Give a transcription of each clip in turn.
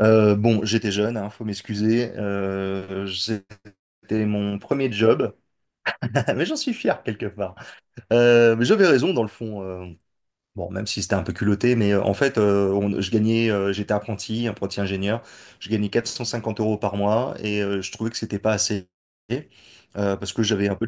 Bon, j'étais jeune, hein, faut m'excuser. C'était mon premier job, mais j'en suis fier quelque part. Mais j'avais raison dans le fond. Bon, même si c'était un peu culotté, mais en fait, je gagnais, j'étais apprenti, apprenti ingénieur. Je gagnais 450 euros par mois, et je trouvais que c'était pas assez parce que j'avais un peu.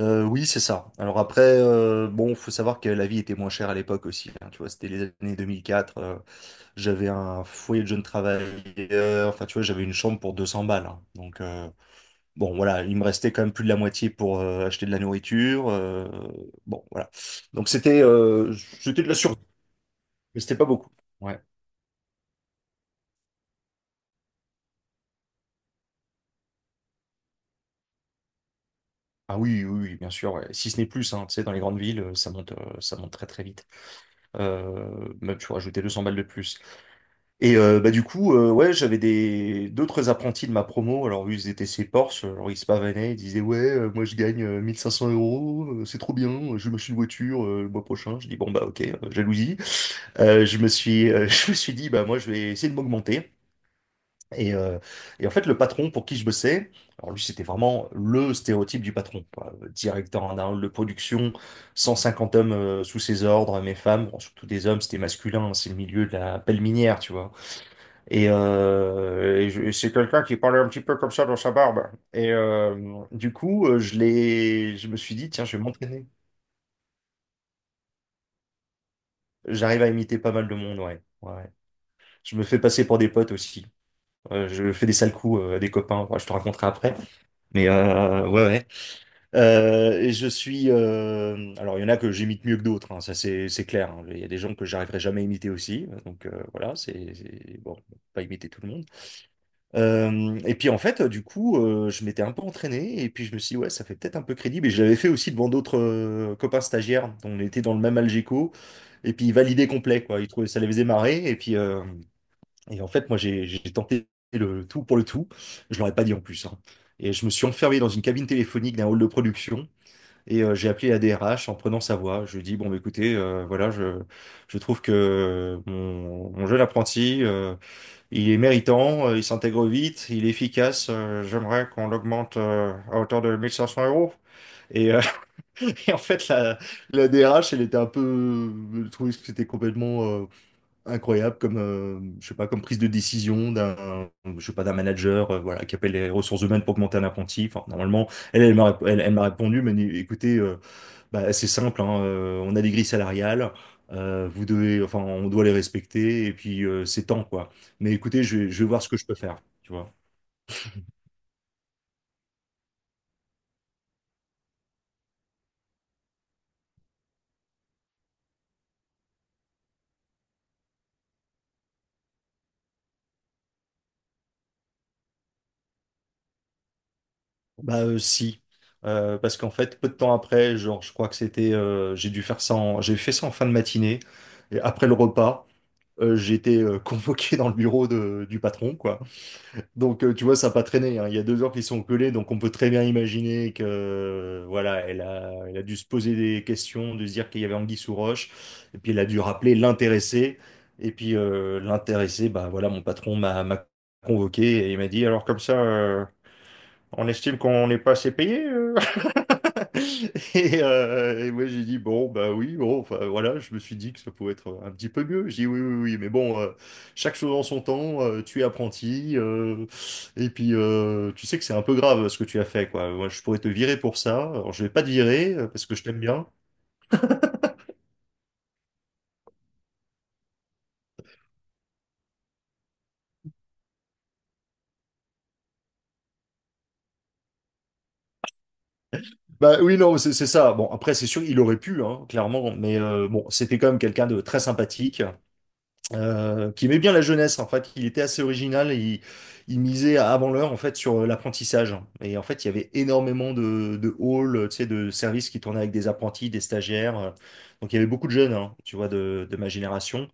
Oui, c'est ça. Alors après, bon, faut savoir que la vie était moins chère à l'époque aussi, hein, tu vois, c'était les années 2004. J'avais un foyer de jeune travailleur. Enfin, tu vois, j'avais une chambre pour 200 balles, hein. Donc, bon, voilà, il me restait quand même plus de la moitié pour acheter de la nourriture. Bon, voilà. Donc, c'était c'était de la survie, mais c'était pas beaucoup. Ouais. Ah oui, oui, oui, bien sûr. Ouais. Si ce n'est plus, hein, tu sais, dans les grandes villes, ça monte très, très vite. Même, tu vois, rajouter 200 balles de plus. Et bah du coup, ouais, j'avais des d'autres apprentis de ma promo. Alors eux, ils étaient chez Porsche, alors ils se pavanaient, ils disaient ouais, moi je gagne 1500 euros, c'est trop bien, je vais m'acheter une voiture le mois prochain. Je dis bon bah ok, jalousie. Je me suis je me suis dit bah moi je vais essayer de m'augmenter. Et, euh, et en fait le patron pour qui je bossais, alors lui c'était vraiment le stéréotype du patron, quoi. Directeur en hall de production, 150 hommes sous ses ordres, mes femmes, bon, surtout des hommes, c'était masculin, hein, c'est le milieu de la pelle minière, tu vois. Et c'est quelqu'un qui parlait un petit peu comme ça dans sa barbe. Et du coup, je me suis dit, tiens, je vais m'entraîner. J'arrive à imiter pas mal de monde, ouais. Ouais, ouais. Je me fais passer pour des potes aussi. Je fais des sales coups à des copains. Ouais, je te raconterai après. Mais ouais, ouais. Et je suis. Alors, il y en a que j'imite mieux que d'autres, hein, ça, c'est clair, hein. Il y a des gens que j'arriverai jamais à imiter aussi. Donc voilà, bon, faut pas imiter tout le monde. Et puis en fait, du coup, je m'étais un peu entraîné et puis je me suis dit, ouais, ça fait peut-être un peu crédible. Et je l'avais fait aussi devant d'autres copains stagiaires. On était dans le même Algeco et puis ils validaient complet, quoi. Ils trouvaient ça les faisait marrer. Et puis, et en fait, moi, j'ai tenté le tout pour le tout. Je leur ai pas dit en plus, hein. Et je me suis enfermé dans une cabine téléphonique d'un hall de production et j'ai appelé la DRH en prenant sa voix. Je lui ai dit, bon, bah, écoutez, voilà, je trouve que mon jeune apprenti, il est méritant, il s'intègre vite, il est efficace. J'aimerais qu'on l'augmente à hauteur de 1500 euros. Et, euh, et en fait, la DRH, elle était un peu... Je trouvais que c'était complètement incroyable comme, je sais pas, comme prise de décision je sais pas, d'un manager, voilà, qui appelle les ressources humaines pour augmenter un apprenti. Enfin, normalement, elle m'a répondu, mais écoutez, bah, c'est simple, hein, on a des grilles salariales, enfin, on doit les respecter, et puis c'est temps, quoi. Mais écoutez, je vais voir ce que je peux faire, tu vois. Bah si. Parce qu'en fait, peu de temps après, genre, je crois que c'était, j'ai fait ça en fin de matinée, et après le repas, j'ai été convoqué dans le bureau du patron, quoi. Donc, tu vois, ça n'a pas traîné, hein. Il y a 2 heures qu'ils sont collés, donc on peut très bien imaginer que, voilà, elle a dû se poser des questions, de se dire qu'il y avait anguille sous roche, et puis elle a dû rappeler l'intéressé. Et puis l'intéressé, bah voilà, mon patron m'a convoqué et il m'a dit, alors comme ça, on estime qu'on n'est pas assez payé. Et moi j'ai dit bon bah oui bon enfin voilà je me suis dit que ça pouvait être un petit peu mieux, j'ai dit oui oui oui, mais bon chaque chose en son temps, tu es apprenti, et puis tu sais que c'est un peu grave ce que tu as fait, quoi, moi je pourrais te virer pour ça, alors je vais pas te virer parce que je t'aime bien. Bah oui non c'est ça, bon après c'est sûr il aurait pu, hein, clairement, mais bon c'était quand même quelqu'un de très sympathique, qui aimait bien la jeunesse, en fait, il était assez original, et il misait avant l'heure en fait sur l'apprentissage. Et en fait, il y avait énormément de halls, tu sais, de services qui tournaient avec des apprentis, des stagiaires. Donc il y avait beaucoup de jeunes, hein, tu vois, de ma génération.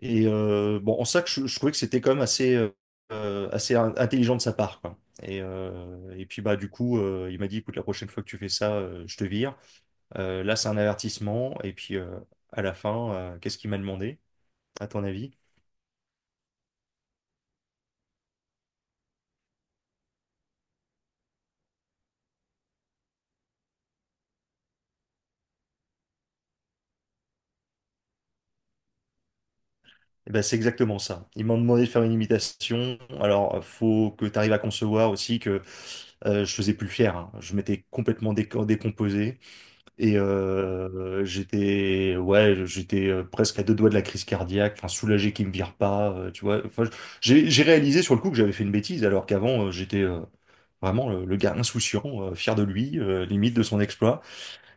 Et bon, en ça, je trouvais que c'était quand même assez, intelligent de sa part, quoi. Et puis bah du coup il m'a dit écoute la prochaine fois que tu fais ça je te vire. Là c'est un avertissement, et puis à la fin qu'est-ce qu'il m'a demandé, à ton avis? Eh ben, c'est exactement ça. Ils m'ont demandé de faire une imitation. Alors, faut que tu arrives à concevoir aussi que je faisais plus le fier, hein. Je m'étais complètement décomposé et ouais, j'étais presque à deux doigts de la crise cardiaque. Enfin, soulagé qu'ils me virent pas, tu vois. Enfin, j'ai réalisé sur le coup que j'avais fait une bêtise, alors qu'avant j'étais vraiment le gars insouciant, fier de lui, limite de son exploit.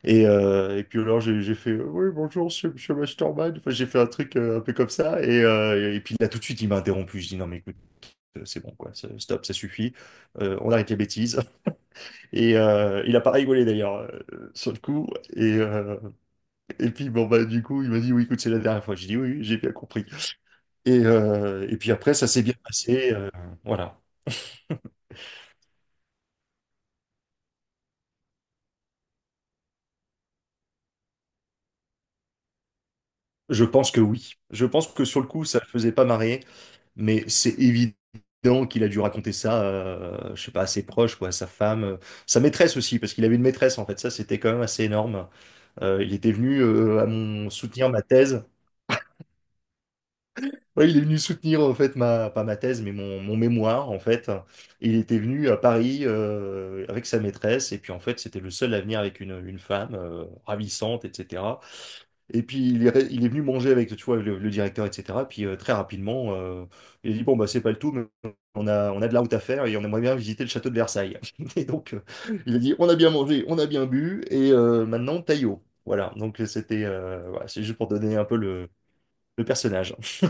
Et puis alors j'ai fait Oui bonjour monsieur, monsieur Masterman. Enfin, j'ai fait un truc un peu comme ça, et puis là tout de suite il m'a interrompu. Je dis non mais écoute c'est bon quoi stop ça suffit. On arrête les bêtises. Et il a pas rigolé d'ailleurs sur le coup, et euh, et puis bon bah du coup il m'a dit oui écoute c'est la dernière fois. J'ai dit oui oui, j'ai bien compris, et puis après ça s'est bien passé, voilà. Je pense que oui. Je pense que sur le coup, ça le faisait pas marrer, mais c'est évident qu'il a dû raconter ça, je sais pas, à ses proches, quoi, à sa femme, sa maîtresse aussi, parce qu'il avait une maîtresse en fait. Ça, c'était quand même assez énorme. Il était venu à mon soutenir ma thèse. Oui, il est venu soutenir en fait ma pas ma thèse, mais mon mémoire en fait. Il était venu à Paris avec sa maîtresse, et puis en fait, c'était le seul à venir avec une femme ravissante, etc. Et puis il est venu manger avec tu vois, le directeur, etc. Puis très rapidement, il a dit, bon, bah, c'est pas le tout, mais on a de la route à faire et on aimerait bien visiter le château de Versailles. Et donc, il a dit, on a bien mangé, on a bien bu, et maintenant, Taillot. Voilà, donc c'était, voilà, c'est juste pour donner un peu le personnage.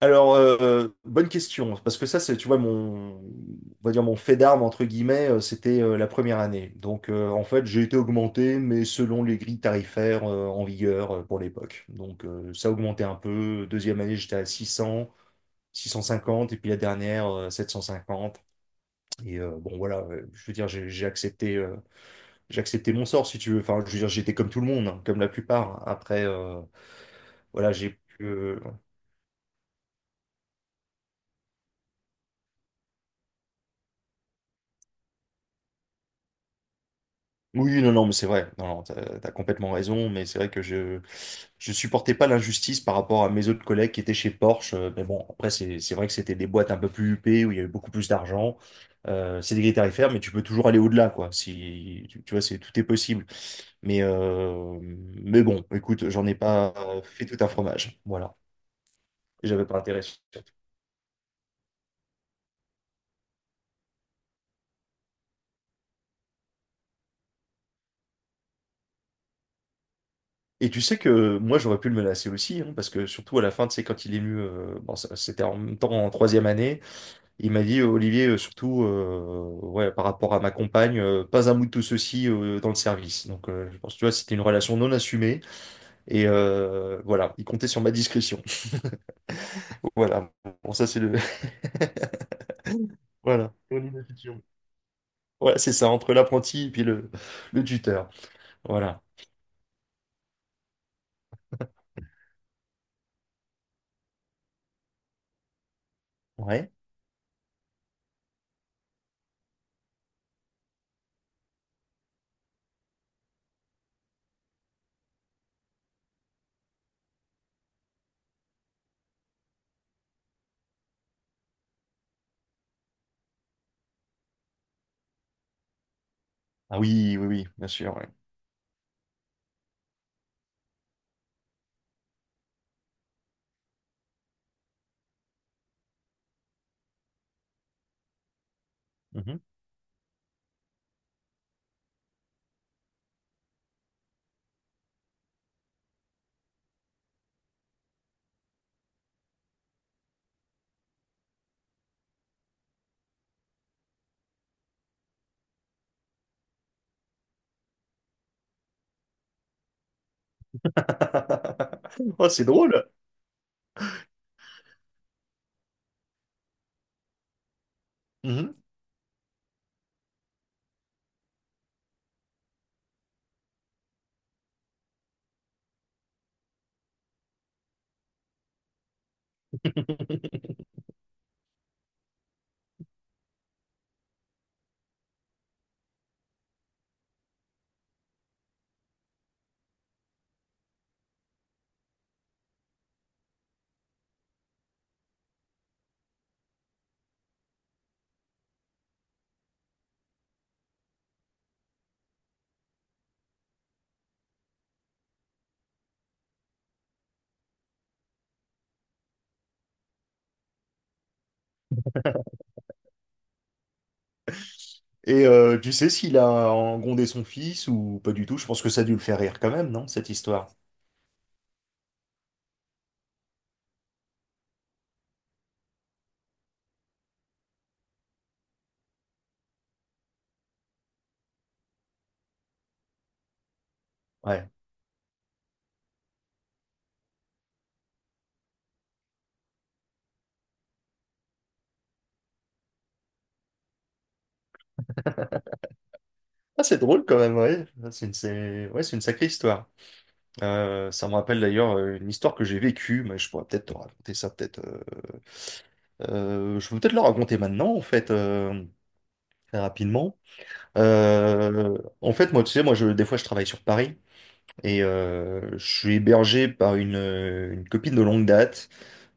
Alors, bonne question, parce que ça, c'est, tu vois, on va dire mon fait d'armes, entre guillemets, c'était la première année. Donc, en fait, j'ai été augmenté, mais selon les grilles tarifaires en vigueur pour l'époque. Donc, ça a augmenté un peu. Deuxième année, j'étais à 600, 650, et puis la dernière, 750. Et bon, voilà, je veux dire, j'ai accepté, j'ai accepté mon sort, si tu veux. Enfin, je veux dire, j'étais comme tout le monde, hein, comme la plupart. Après, voilà, j'ai pu, euh, Oui, non, non, mais c'est vrai. Non, non, t'as complètement raison, mais c'est vrai que je supportais pas l'injustice par rapport à mes autres collègues qui étaient chez Porsche. Mais bon, après, c'est vrai que c'était des boîtes un peu plus huppées où il y avait beaucoup plus d'argent. C'est des grilles tarifaires, mais tu peux toujours aller au-delà, quoi. Si tu, tu vois, c'est tout est possible. Mais euh, mais bon, écoute, j'en ai pas fait tout un fromage. Voilà, j'avais pas intérêt. Et tu sais que moi j'aurais pu le menacer aussi, hein, parce que surtout à la fin, tu sais, quand il est venu, bon, c'était en même temps en troisième année. Il m'a dit, Olivier, surtout, ouais, par rapport à ma compagne, pas un mot de tout ceci dans le service. Donc, je pense, tu vois, c'était une relation non assumée. Voilà, il comptait sur ma discrétion. Voilà. Bon, ça, c'est le. Voilà. Mon ineptition. Voilà, c'est ça, entre l'apprenti et puis le tuteur. Voilà. Ouais. Ah oui, oui, oui, bien sûr, ouais. Mhm. Oh, c'est drôle. Mhm. Tu sais s'il a engondé son fils ou pas du tout? Je pense que ça a dû le faire rire quand même, non, cette histoire? Ouais. Ah, c'est drôle quand même, ouais. Ah, ouais, c'est une sacrée histoire. Ça me rappelle d'ailleurs une histoire que j'ai vécue, mais je pourrais peut-être te raconter ça, peut-être. Je peux peut-être la raconter maintenant, en fait, très rapidement. En fait, moi, tu sais, moi, je, des fois, je travaille sur Paris et je suis hébergé par une copine de longue date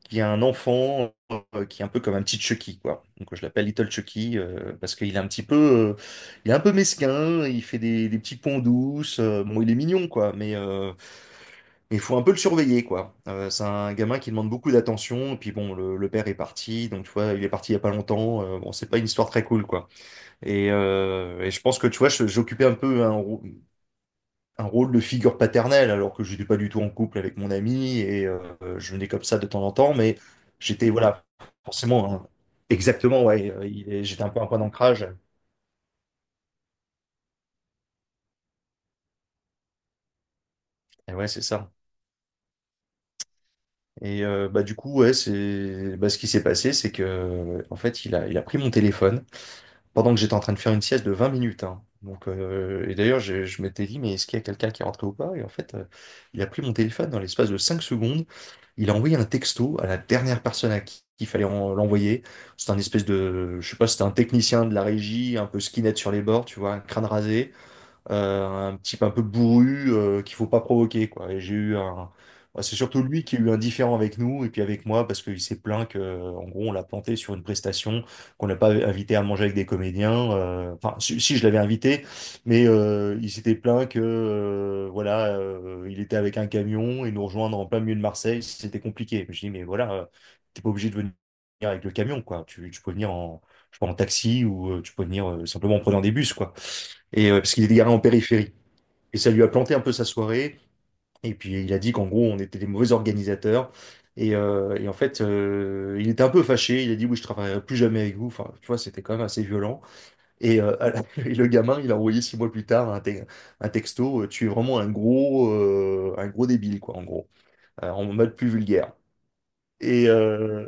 qui a un enfant qui est un peu comme un petit Chucky, quoi. Donc je l'appelle Little Chucky parce qu'il est un petit peu, il est un peu mesquin, il fait des petits ponts douces. Bon, il est mignon, quoi, mais il faut un peu le surveiller, quoi. C'est un gamin qui demande beaucoup d'attention. Et puis bon, le père est parti, donc tu vois, il est parti il y a pas longtemps. Bon, c'est pas une histoire très cool, quoi. Et je pense que tu vois, j'occupais un peu un rôle de figure paternelle, alors que je n'étais pas du tout en couple avec mon ami et je venais comme ça de temps en temps, mais j'étais, voilà, forcément, hein, exactement, ouais, j'étais un peu un point d'ancrage. Et ouais, c'est ça. Bah, du coup, ouais, c'est bah, ce qui s'est passé, c'est que en fait, il a pris mon téléphone pendant que j'étais en train de faire une sieste de 20 minutes, hein. Donc, et d'ailleurs, je m'étais dit, mais est-ce qu'il y a quelqu'un qui est rentré ou pas? Et en fait, il a pris mon téléphone dans l'espace de 5 secondes. Il a envoyé un texto à la dernière personne à qui il fallait l'envoyer. C'était un espèce de, je sais pas, c'était un technicien de la régie, un peu skinhead sur les bords, tu vois, crâne rasé, un type un peu bourru qu'il faut pas provoquer, quoi. Et j'ai eu un... bah, c'est surtout lui qui a eu un différend avec nous et puis avec moi parce qu'il s'est plaint que, en gros, on l'a planté sur une prestation, qu'on n'a pas invité à manger avec des comédiens. Enfin, si, si, je l'avais invité, il s'était plaint que, voilà, il était avec un camion et nous rejoindre en plein milieu de Marseille, c'était compliqué. Je dis, mais voilà, t'es pas obligé de venir avec le camion, quoi. Tu peux venir en, je sais pas, en taxi ou tu peux venir simplement en prenant des bus, quoi. Parce qu'il est garé en périphérie. Et ça lui a planté un peu sa soirée. Et puis il a dit qu'en gros, on était des mauvais organisateurs. Et en fait, il était un peu fâché. Il a dit, oui, je travaillerai plus jamais avec vous. Enfin, tu vois, c'était quand même assez violent. Et, et le gamin, il a envoyé 6 mois plus tard un texto. Tu es vraiment un gros débile, quoi, en gros, en mode plus vulgaire. Et, euh,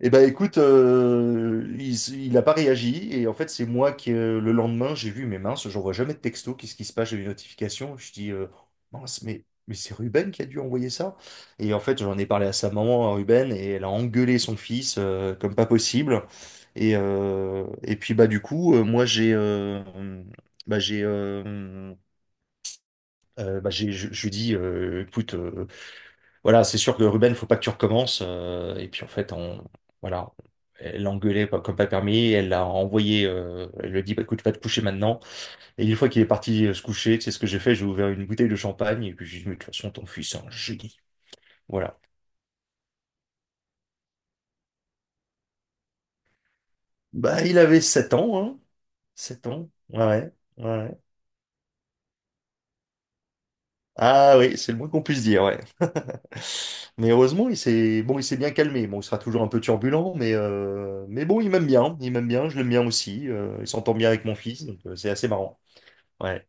Eh ben écoute, il a pas réagi et en fait c'est moi qui le lendemain j'ai vu mes minces, j'envoie jamais de texto, qu'est-ce qui se passe? J'ai eu une notification, je dis mince mais c'est Ruben qui a dû envoyer ça. Et en fait j'en ai parlé à sa maman, à Ruben, et elle a engueulé son fils comme pas possible. Et puis bah du coup moi j'ai bah j'ai bah j'ai je lui dis écoute, voilà, c'est sûr que Ruben, faut pas que tu recommences. Et puis en fait, on, voilà, elle l'a engueulé comme pas permis. Elle l'a envoyé. Elle lui a dit, bah, écoute, va te coucher maintenant. Et une fois qu'il est parti se coucher, c'est ce que j'ai fait. J'ai ouvert une bouteille de champagne et puis j'ai dit, mais de toute façon, ton fils c'est un génie. Voilà. Bah, il avait 7 ans, hein. 7 ans. Ouais, ouais, ouais. Ah oui, c'est le moins qu'on puisse dire, ouais. Mais heureusement, il s'est bien calmé. Bon, il sera toujours un peu turbulent, mais bon, il m'aime bien, je l'aime bien aussi. Il s'entend bien avec mon fils, donc c'est assez marrant. Ouais.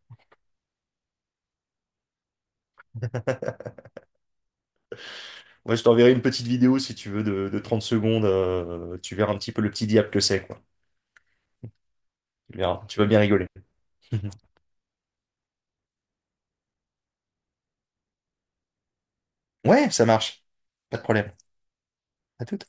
Ouais, je t'enverrai une petite vidéo si tu veux de 30 secondes. Tu verras un petit peu le petit diable que c'est, quoi. Tu verras, tu vas bien rigoler. Ouais, ça marche. Pas de problème. À tout.